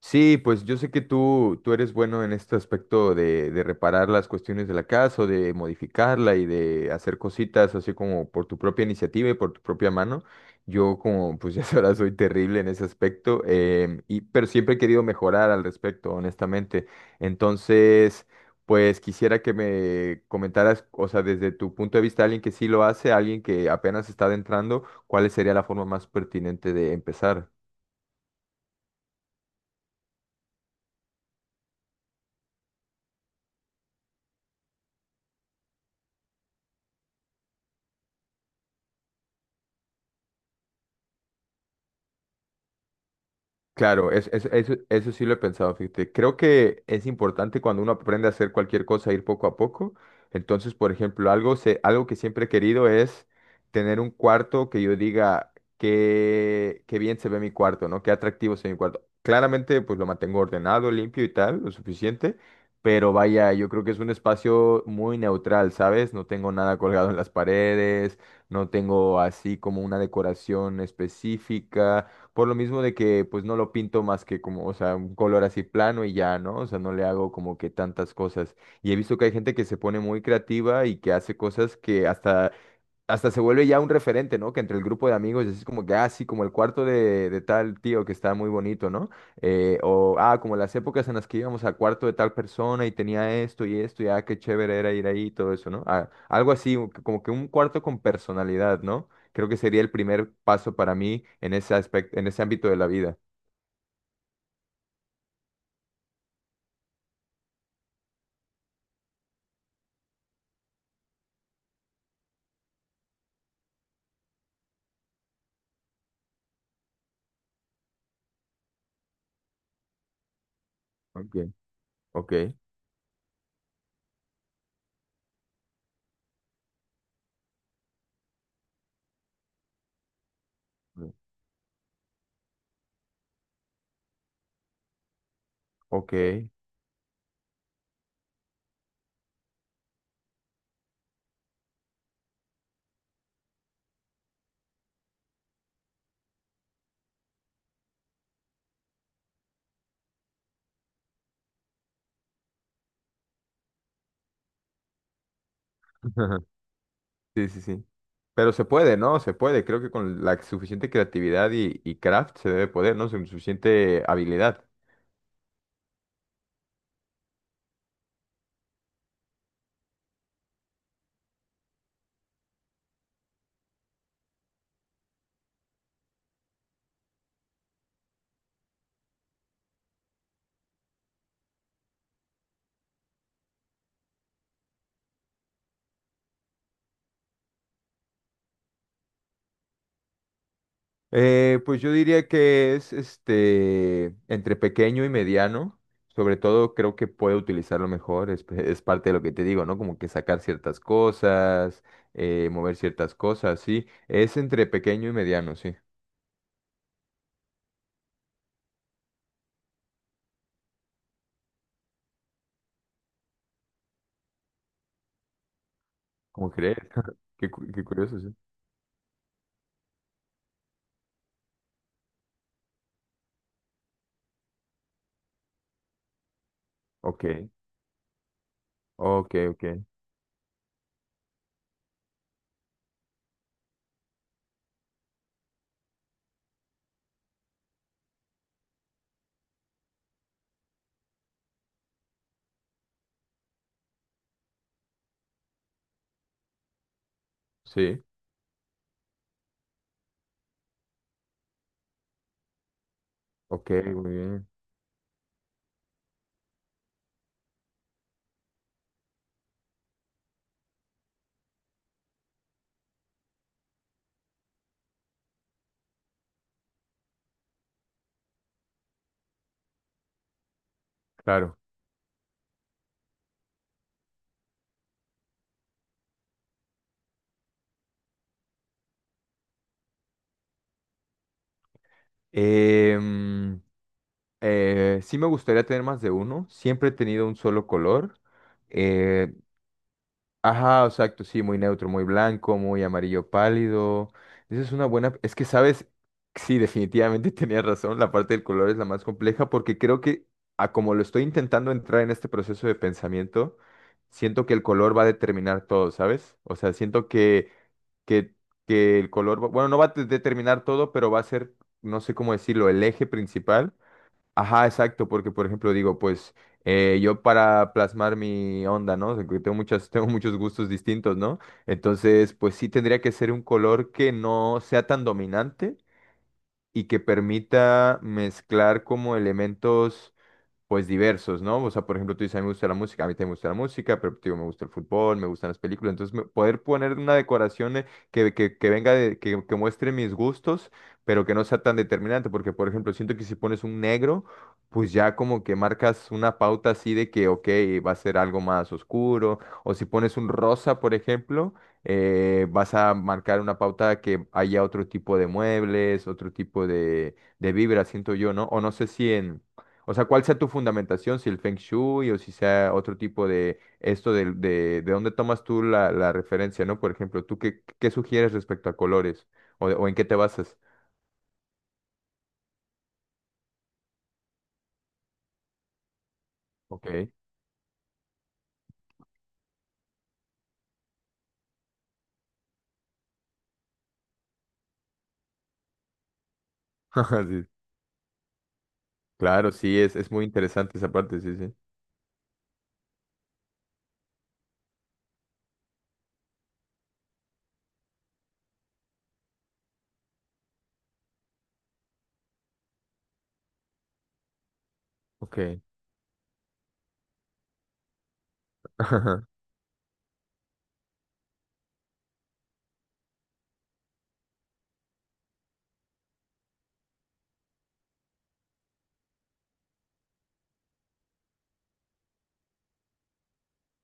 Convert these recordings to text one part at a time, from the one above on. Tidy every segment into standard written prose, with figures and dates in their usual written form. Sí, pues yo sé que tú eres bueno en este aspecto de reparar las cuestiones de la casa o de modificarla y de hacer cositas así como por tu propia iniciativa y por tu propia mano. Yo como pues ya sabrás soy terrible en ese aspecto, pero siempre he querido mejorar al respecto, honestamente. Entonces, pues quisiera que me comentaras, o sea, desde tu punto de vista, alguien que sí lo hace, alguien que apenas está adentrando, ¿cuál sería la forma más pertinente de empezar? Claro, eso, eso sí lo he pensado, fíjate. Creo que es importante cuando uno aprende a hacer cualquier cosa, ir poco a poco. Entonces, por ejemplo, algo que siempre he querido es tener un cuarto que yo diga qué bien se ve mi cuarto, ¿no? Qué atractivo se ve mi cuarto. Claramente, pues lo mantengo ordenado, limpio y tal, lo suficiente. Pero vaya, yo creo que es un espacio muy neutral, ¿sabes? No tengo nada colgado en las paredes, no tengo así como una decoración específica. Por lo mismo de que pues no lo pinto más que como, o sea, un color así plano y ya, ¿no? O sea, no le hago como que tantas cosas. Y he visto que hay gente que se pone muy creativa y que hace cosas que hasta se vuelve ya un referente, ¿no? Que entre el grupo de amigos es como que, ah, sí, como el cuarto de tal tío que está muy bonito, ¿no? O, ah, como las épocas en las que íbamos al cuarto de tal persona y tenía esto y esto, y ah, qué chévere era ir ahí y todo eso, ¿no? Ah, algo así, como que un cuarto con personalidad, ¿no? Creo que sería el primer paso para mí en ese aspecto, en ese ámbito de la vida. Ok, ok, ok. Sí, sí, sí. Pero se puede, ¿no? Se puede. Creo que con la suficiente creatividad y craft se debe poder, ¿no? Con suficiente habilidad. Pues yo diría que es este entre pequeño y mediano. Sobre todo creo que puede utilizarlo mejor. Es, es parte de lo que te digo, ¿no? Como que sacar ciertas cosas, mover ciertas cosas, sí. Es entre pequeño y mediano, sí. ¿Cómo crees? Qué curioso, sí. Ok, ok, ok. Sí, ok, muy bien. Claro. Eh, sí me gustaría tener más de uno. Siempre he tenido un solo color. Eh, ajá, exacto, sí, muy neutro, muy blanco, muy amarillo pálido. Esa es una buena... Es que, ¿sabes? Sí, definitivamente tenías razón. La parte del color es la más compleja porque creo que a como lo estoy intentando entrar en este proceso de pensamiento, siento que el color va a determinar todo, ¿sabes? O sea, siento que, que el color... Bueno, no va a determinar todo, pero va a ser, no sé cómo decirlo, el eje principal. Ajá, exacto, porque por ejemplo digo, pues yo para plasmar mi onda, ¿no? Que tengo muchas, tengo muchos gustos distintos, ¿no? Entonces, pues sí tendría que ser un color que no sea tan dominante y que permita mezclar como elementos pues diversos, ¿no? O sea, por ejemplo, tú dices, a mí me gusta la música, a mí también me gusta la música, pero te digo, me gusta el fútbol, me gustan las películas, entonces poder poner una decoración que venga de que muestre mis gustos, pero que no sea tan determinante, porque por ejemplo, siento que si pones un negro, pues ya como que marcas una pauta así de que, ok, va a ser algo más oscuro, o si pones un rosa, por ejemplo, vas a marcar una pauta que haya otro tipo de muebles, otro tipo de vibra, siento yo, ¿no? O no sé si en... O sea, ¿cuál sea tu fundamentación? Si el Feng Shui o si sea otro tipo de dónde tomas tú la referencia, ¿no? Por ejemplo, ¿tú qué sugieres respecto a colores? O en qué te basas? Ok. Sí, claro, sí, es muy interesante esa parte, sí, sí. Ok.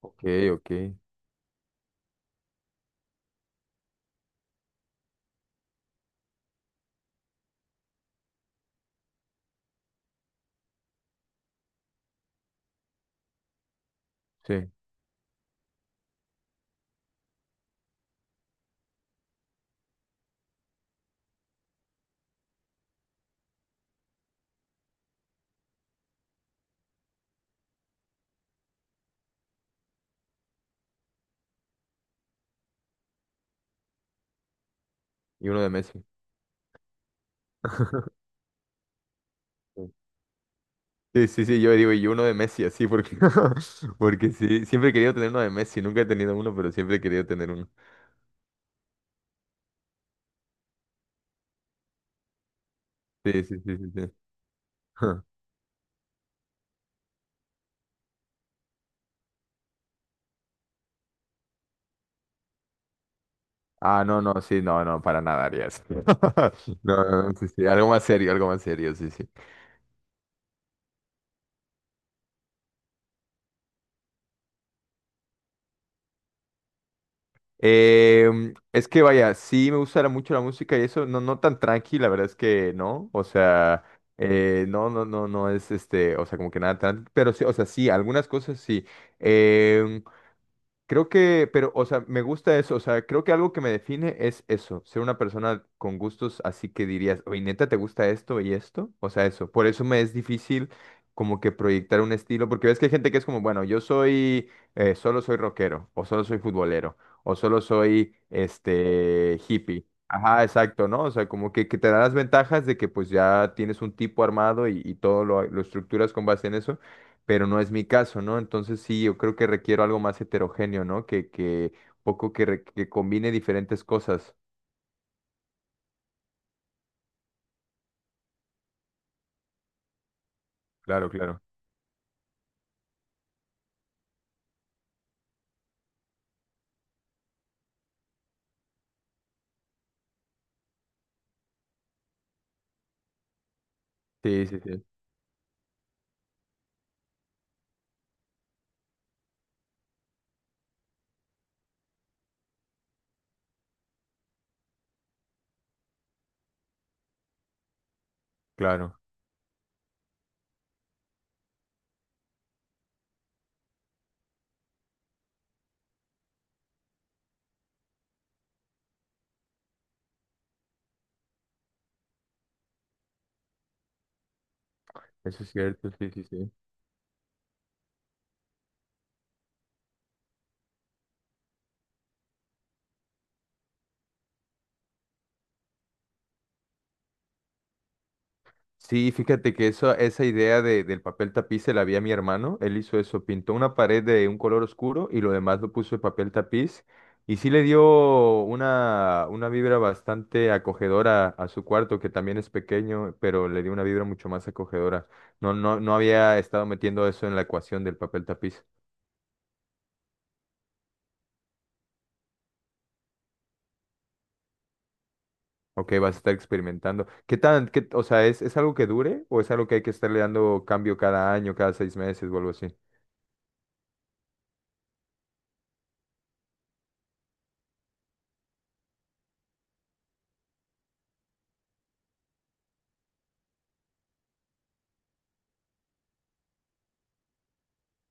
Ok, ok. Sí. Y uno de Messi. Sí, sí, sí, sí, yo digo, y uno de Messi, así, porque, porque sí, siempre he querido tener uno de Messi, nunca he tenido uno, pero siempre he querido tener uno. Sí, sí, sí, sí, sí. Ah, no, no, sí, no, no, para nada haría eso. No, no, no, sí, sí, algo más serio, sí, sí. Es que vaya, sí me gusta mucho la música y eso, no, no tan tranqui, la verdad es que no, o sea, no es este, o sea, como que nada tan, pero sí, o sea, sí, algunas cosas sí. Em, creo que, pero, o sea, me gusta eso, o sea, creo que algo que me define es eso, ser una persona con gustos así que dirías, oye, neta, ¿te gusta esto y esto? O sea, eso, por eso me es difícil como que proyectar un estilo, porque ves que hay gente que es como, bueno, yo soy, solo soy rockero, o solo soy futbolero, o solo soy, este, hippie. Ajá, exacto, ¿no? O sea, como que te da las ventajas de que pues ya tienes un tipo armado y todo lo estructuras con base en eso pero no es mi caso, ¿no? Entonces sí, yo creo que requiero algo más heterogéneo, ¿no? Que un poco que, que combine diferentes cosas. Claro, claro. Sí, sí, sí, claro. Eso es cierto, sí, sí, sí. Sí, fíjate que eso, esa idea del papel tapiz se la vi a mi hermano. Él hizo eso, pintó una pared de un color oscuro y lo demás lo puso de papel tapiz. Y sí le dio una vibra bastante acogedora a su cuarto, que también es pequeño, pero le dio una vibra mucho más acogedora. No, no, no había estado metiendo eso en la ecuación del papel tapiz. Ok, vas a estar experimentando. ¿Qué tan, qué, o sea, es algo que dure o es algo que hay que estarle dando cambio cada año, cada 6 meses o algo así?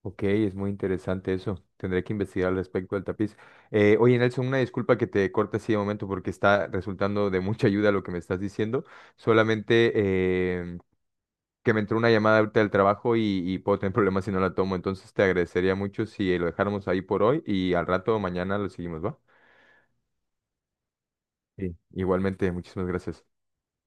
Ok, es muy interesante eso. Tendré que investigar al respecto del tapiz. Oye, Nelson, una disculpa que te corte así de momento porque está resultando de mucha ayuda lo que me estás diciendo. Solamente que me entró una llamada ahorita del trabajo y puedo tener problemas si no la tomo. Entonces te agradecería mucho si lo dejáramos ahí por hoy y al rato mañana lo seguimos, ¿va? Sí. Igualmente, muchísimas gracias.